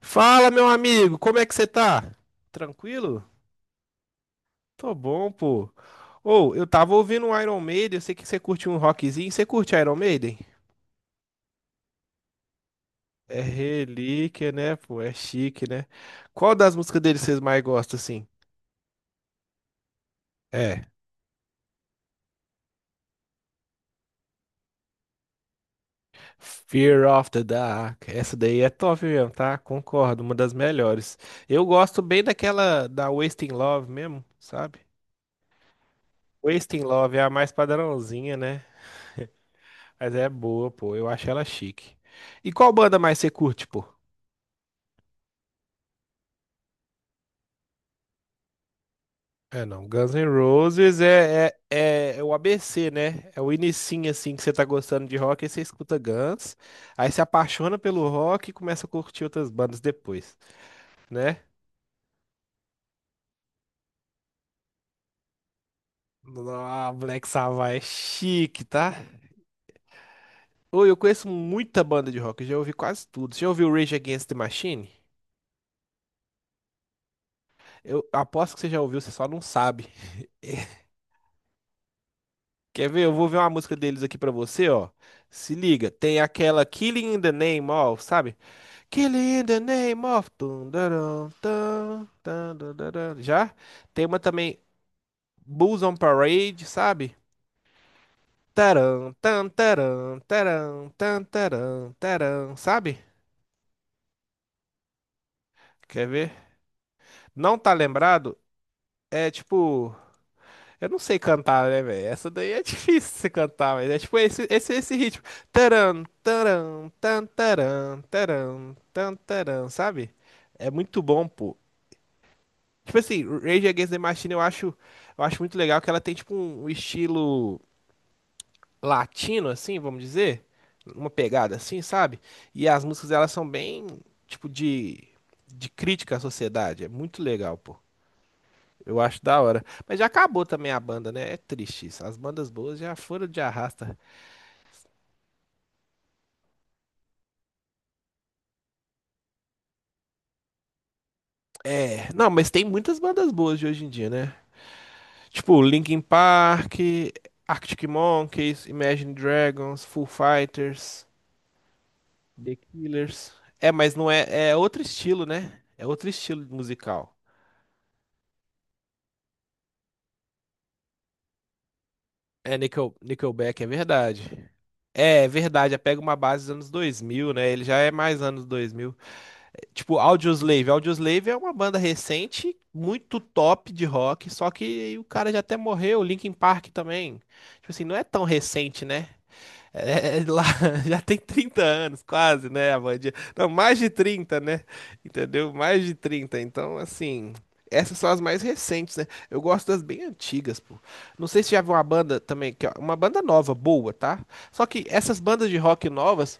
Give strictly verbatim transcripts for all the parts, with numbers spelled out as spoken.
Fala, meu amigo, como é que você tá? Tranquilo? Tô bom, pô. Ou, eu tava ouvindo um Iron Maiden, eu sei que você curte um rockzinho. Você curte Iron Maiden? É relíquia, né, pô? É chique, né? Qual das músicas deles vocês mais gostam, assim? É, Fear of the Dark. Essa daí é top mesmo, tá? Concordo, uma das melhores. Eu gosto bem daquela da Wasting Love mesmo, sabe? Wasting Love é a mais padrãozinha, né? Mas é boa, pô. Eu acho ela chique. E qual banda mais você curte, pô? É, não. Guns N' Roses é, é, é é o A B C, né? É o inicinho, assim, que você tá gostando de rock, aí você escuta Guns, aí se apaixona pelo rock e começa a curtir outras bandas depois, né? Ah, Black Sabbath é chique, tá? Ô, eu conheço muita banda de rock, eu já ouvi quase tudo. Você já ouviu Rage Against the Machine? Eu aposto que você já ouviu, você só não sabe. Quer ver? Eu vou ver uma música deles aqui pra você, ó. Se liga, tem aquela Killing in the Name of, sabe? Killing in the Name of. Tum, darum, tum, tum, dum, darum. Já? Tem uma também, Bulls on Parade, sabe? Taram, tam, taram, taram, tam, taram, taram, sabe? Quer ver? Não tá lembrado? É tipo. Eu não sei cantar, né, velho? Essa daí é difícil você cantar, mas é tipo esse, esse, esse ritmo. Taran, taran, tan, taran, taran, tan, taran, sabe? É muito bom, pô. Tipo assim, Rage Against the Machine eu acho, eu acho muito legal que ela tem tipo um estilo latino, assim, vamos dizer. Uma pegada assim, sabe? E as músicas elas são bem, tipo, de, de crítica à sociedade. É muito legal, pô. Eu acho da hora. Mas já acabou também a banda, né? É triste isso. As bandas boas já foram de arrasta. É, não, mas tem muitas bandas boas de hoje em dia, né? Tipo, Linkin Park, Arctic Monkeys, Imagine Dragons, Foo Fighters, The Killers. É, mas não é, é outro estilo, né? É outro estilo musical. É, Nickel, Nickelback, é verdade. É, é verdade, já pega uma base dos anos dois mil, né? Ele já é mais anos dois mil. Tipo, Audioslave. Audioslave é uma banda recente, muito top de rock, só que o cara já até morreu, Linkin Park também. Tipo assim, não é tão recente, né? É, é lá já tem trinta anos, quase, né, a bandinha? Não, mais de trinta, né? Entendeu? Mais de trinta. Então, assim, essas são as mais recentes, né? Eu gosto das bem antigas, pô. Não sei se já viu uma banda também, que é uma banda nova, boa, tá? Só que essas bandas de rock novas,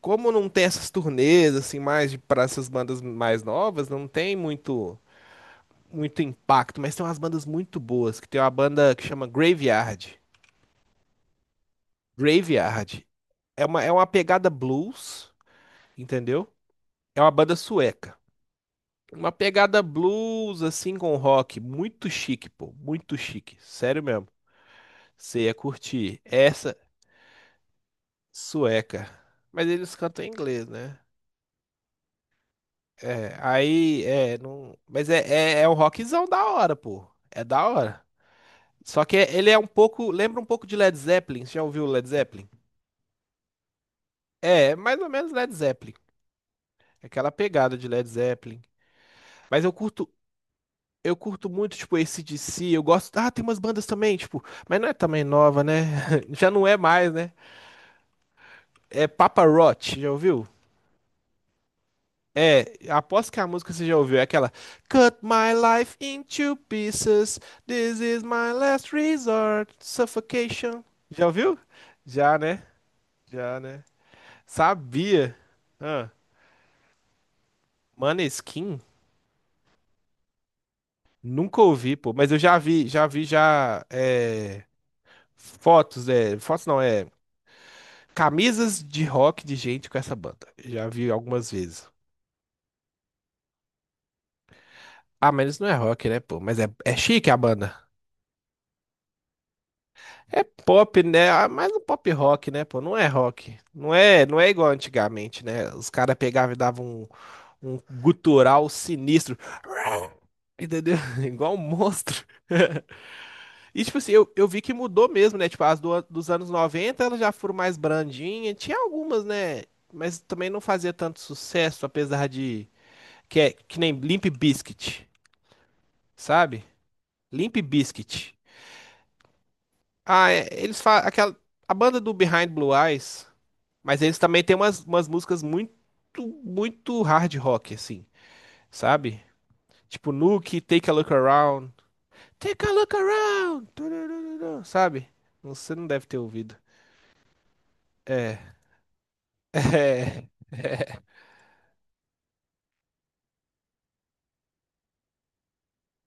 como não tem essas turnês, assim, mais de, para essas bandas mais novas, não tem muito, muito impacto, mas tem umas bandas muito boas, que tem uma banda que chama Graveyard. Graveyard é uma, é uma pegada blues, entendeu? É uma banda sueca. Uma pegada blues, assim, com rock. Muito chique, pô. Muito chique. Sério mesmo. Você ia curtir. Essa sueca. Mas eles cantam em inglês, né? É, aí, é, não. Mas é, é, é um rockzão da hora, pô. É da hora. Só que ele é um pouco. Lembra um pouco de Led Zeppelin. Você já ouviu Led Zeppelin? É, é mais ou menos Led Zeppelin. Aquela pegada de Led Zeppelin. Mas eu curto, Eu curto muito, tipo, esse A C/D C, eu gosto. Ah, tem umas bandas também, tipo, mas não é também nova, né? Já não é mais, né? É Papa Roach, já ouviu? É, aposto que a música você já ouviu, é aquela Cut my life into pieces, this is my last resort, suffocation. Já ouviu? Já, né? Já, né? Sabia. Ah, Maneskin? Nunca ouvi, pô, mas eu já vi, já vi já é, fotos, é, fotos não, é camisas de rock de gente com essa banda. Já vi algumas vezes. Ah, mas isso não é rock, né, pô? Mas é, é chique a banda. É pop, né? Ah, mas um pop rock, né, pô? Não é rock. Não é, não é igual antigamente, né? Os caras pegavam e davam um, um gutural sinistro. Entendeu? Igual um monstro. E, tipo assim, eu, eu vi que mudou mesmo, né? Tipo, as do, dos anos noventa elas já foram mais brandinhas. Tinha algumas, né? Mas também não fazia tanto sucesso, apesar de que é que nem Limp Bizkit, sabe? Limp Bizkit. Ah, é, eles falam aquela a banda do Behind Blue Eyes, mas eles também têm umas, umas músicas muito muito hard rock, assim, sabe? Tipo Nuke, Take a Look Around, Take a Look Around, turururu, sabe? Você não deve ter ouvido. É, é.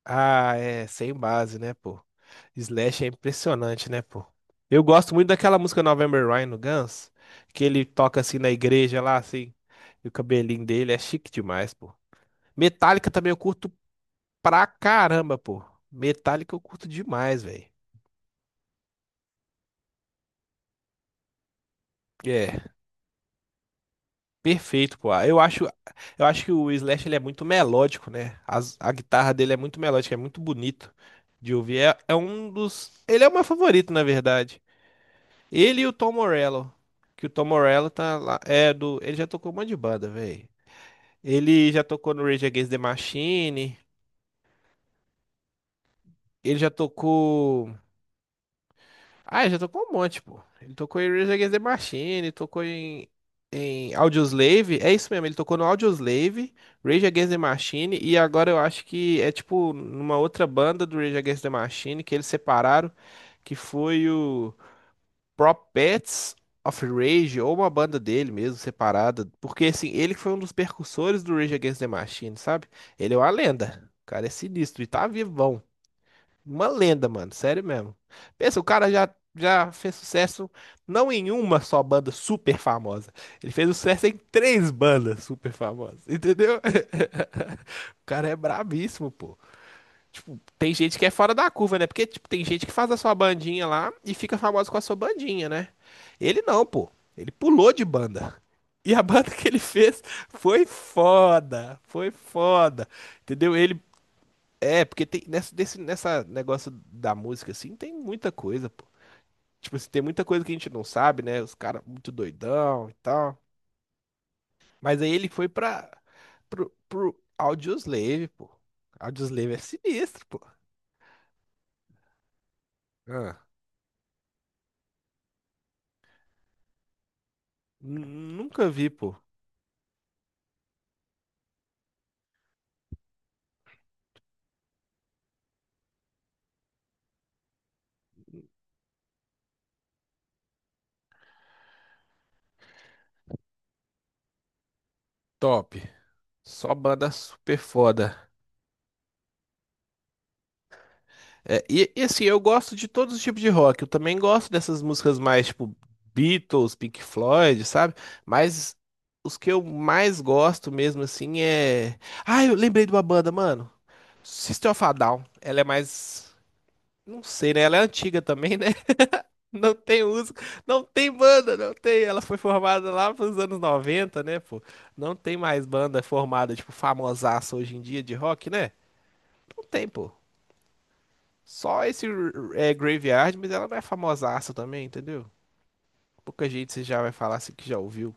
Ah, é, sem base, né, pô? Slash é impressionante, né, pô? Eu gosto muito daquela música November Rain no Guns, que ele toca assim na igreja lá, assim, e o cabelinho dele é chique demais, pô. Metallica também eu curto pra caramba, pô. Metallica eu curto demais, velho. É, perfeito, pô. Eu acho, eu acho que o Slash ele é muito melódico, né? As- a guitarra dele é muito melódica, é muito bonito de ouvir. É, é um dos, ele é o meu favorito, na verdade. Ele e o Tom Morello. Que o Tom Morello tá lá. É do. Ele já tocou um monte de banda, velho. Ele já tocou no Rage Against the Machine. Ele já tocou. Ah, ele já tocou um monte, pô. Ele tocou em Rage Against the Machine, tocou em. Em Audioslave, é isso mesmo, ele tocou no Audioslave, Rage Against the Machine, e agora eu acho que é tipo numa outra banda do Rage Against the Machine que eles separaram, que foi o. Prophets of Rage, ou uma banda dele mesmo, separada. Porque, assim, ele que foi um dos percussores do Rage Against the Machine, sabe? Ele é uma lenda. O cara é sinistro e tá vivão. Uma lenda, mano. Sério mesmo. Pensa, o cara já, já fez sucesso não em uma só banda super famosa. Ele fez sucesso em três bandas super famosas, entendeu? O cara é brabíssimo, pô. Tipo, tem gente que é fora da curva, né? Porque, tipo, tem gente que faz a sua bandinha lá e fica famoso com a sua bandinha, né? Ele não, pô. Ele pulou de banda. E a banda que ele fez foi foda. Foi foda. Entendeu? Ele. É, porque tem nessa, desse, nessa negócio da música, assim, tem muita coisa, pô. Tipo assim, tem muita coisa que a gente não sabe, né? Os caras muito doidão e tal. Mas aí ele foi pra. pro, pro Audioslave, pô. Audioslave é sinistro, pô. Ah. N- Nunca vi, pô. Top. Só banda super foda. É, e, e assim, eu gosto de todos os tipos de rock. Eu também gosto dessas músicas mais tipo Beatles, Pink Floyd, sabe? Mas os que eu mais gosto mesmo assim é. Ah, eu lembrei de uma banda, mano. System of a Down. Ela é mais. Não sei, né? Ela é antiga também, né? Não tem música, não tem banda, não tem. Ela foi formada lá pros anos noventa, né, pô? Não tem mais banda formada, tipo, famosaça hoje em dia de rock, né? Não tem, pô. Só esse é, Graveyard, mas ela não é famosaça também, entendeu? Pouca gente você já vai falar assim que já ouviu.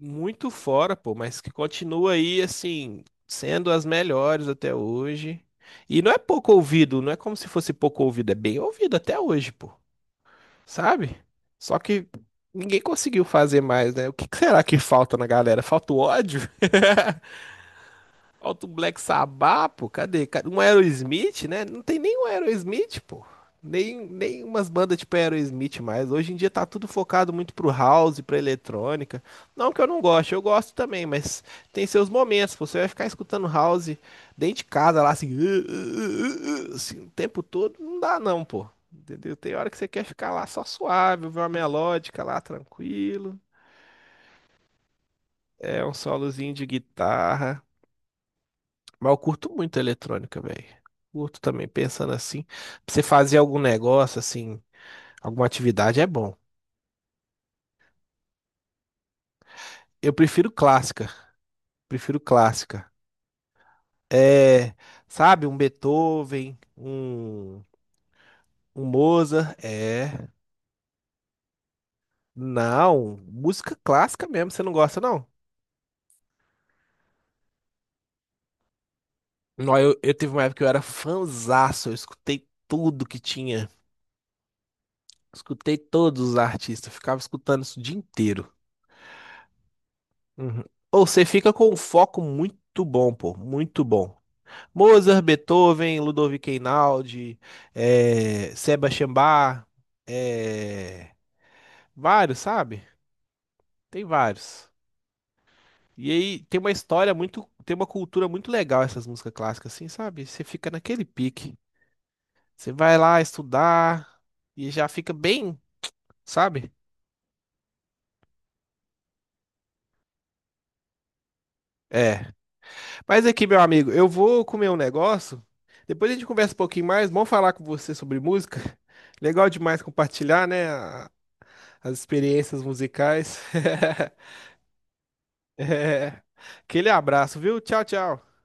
Muito fora, pô, mas que continua aí, assim, sendo as melhores até hoje. E não é pouco ouvido, não é como se fosse pouco ouvido, é bem ouvido até hoje, pô. Sabe? Só que ninguém conseguiu fazer mais, né? O que que será que falta na galera? Falta o ódio? Falta o Black Sabbath, pô. Cadê? Ca- Um Aerosmith, né? Não tem nem um Aerosmith, pô. Nem, nem umas bandas tipo Aerosmith mais. Hoje em dia tá tudo focado muito pro house, pra eletrônica. Não que eu não goste, eu gosto também, mas tem seus momentos. Você vai ficar escutando house dentro de casa lá, assim, "Uh, uh, uh, uh, uh", assim, o tempo todo, não dá não, pô. Entendeu? Tem hora que você quer ficar lá só suave, ouvir uma melódica lá, tranquilo. É um solozinho de guitarra. Mas eu curto muito a eletrônica, velho. Curto também, pensando assim. Pra você fazer algum negócio, assim, alguma atividade é bom. Eu prefiro clássica. Prefiro clássica. É, sabe, um Beethoven, um, um Mozart. É. Não, música clássica mesmo, você não gosta, não? Não, eu, eu tive uma época que eu era fanzaço, eu escutei tudo que tinha. Escutei todos os artistas, ficava escutando isso o dia inteiro. Uhum. Ou você fica com um foco muito bom, pô, muito bom. Mozart, Beethoven, Ludovico Einaudi, eh, Sebastian Bach, eh, vários, sabe? Tem vários. E aí tem uma história muito, tem uma cultura muito legal essas músicas clássicas, assim, sabe? Você fica naquele pique. Você vai lá estudar e já fica bem, sabe? É. Mas aqui, meu amigo, eu vou comer um negócio. Depois a gente conversa um pouquinho mais. Vamos falar com você sobre música. Legal demais compartilhar, né? a- As experiências musicais. É. Aquele abraço, viu? Tchau, tchau.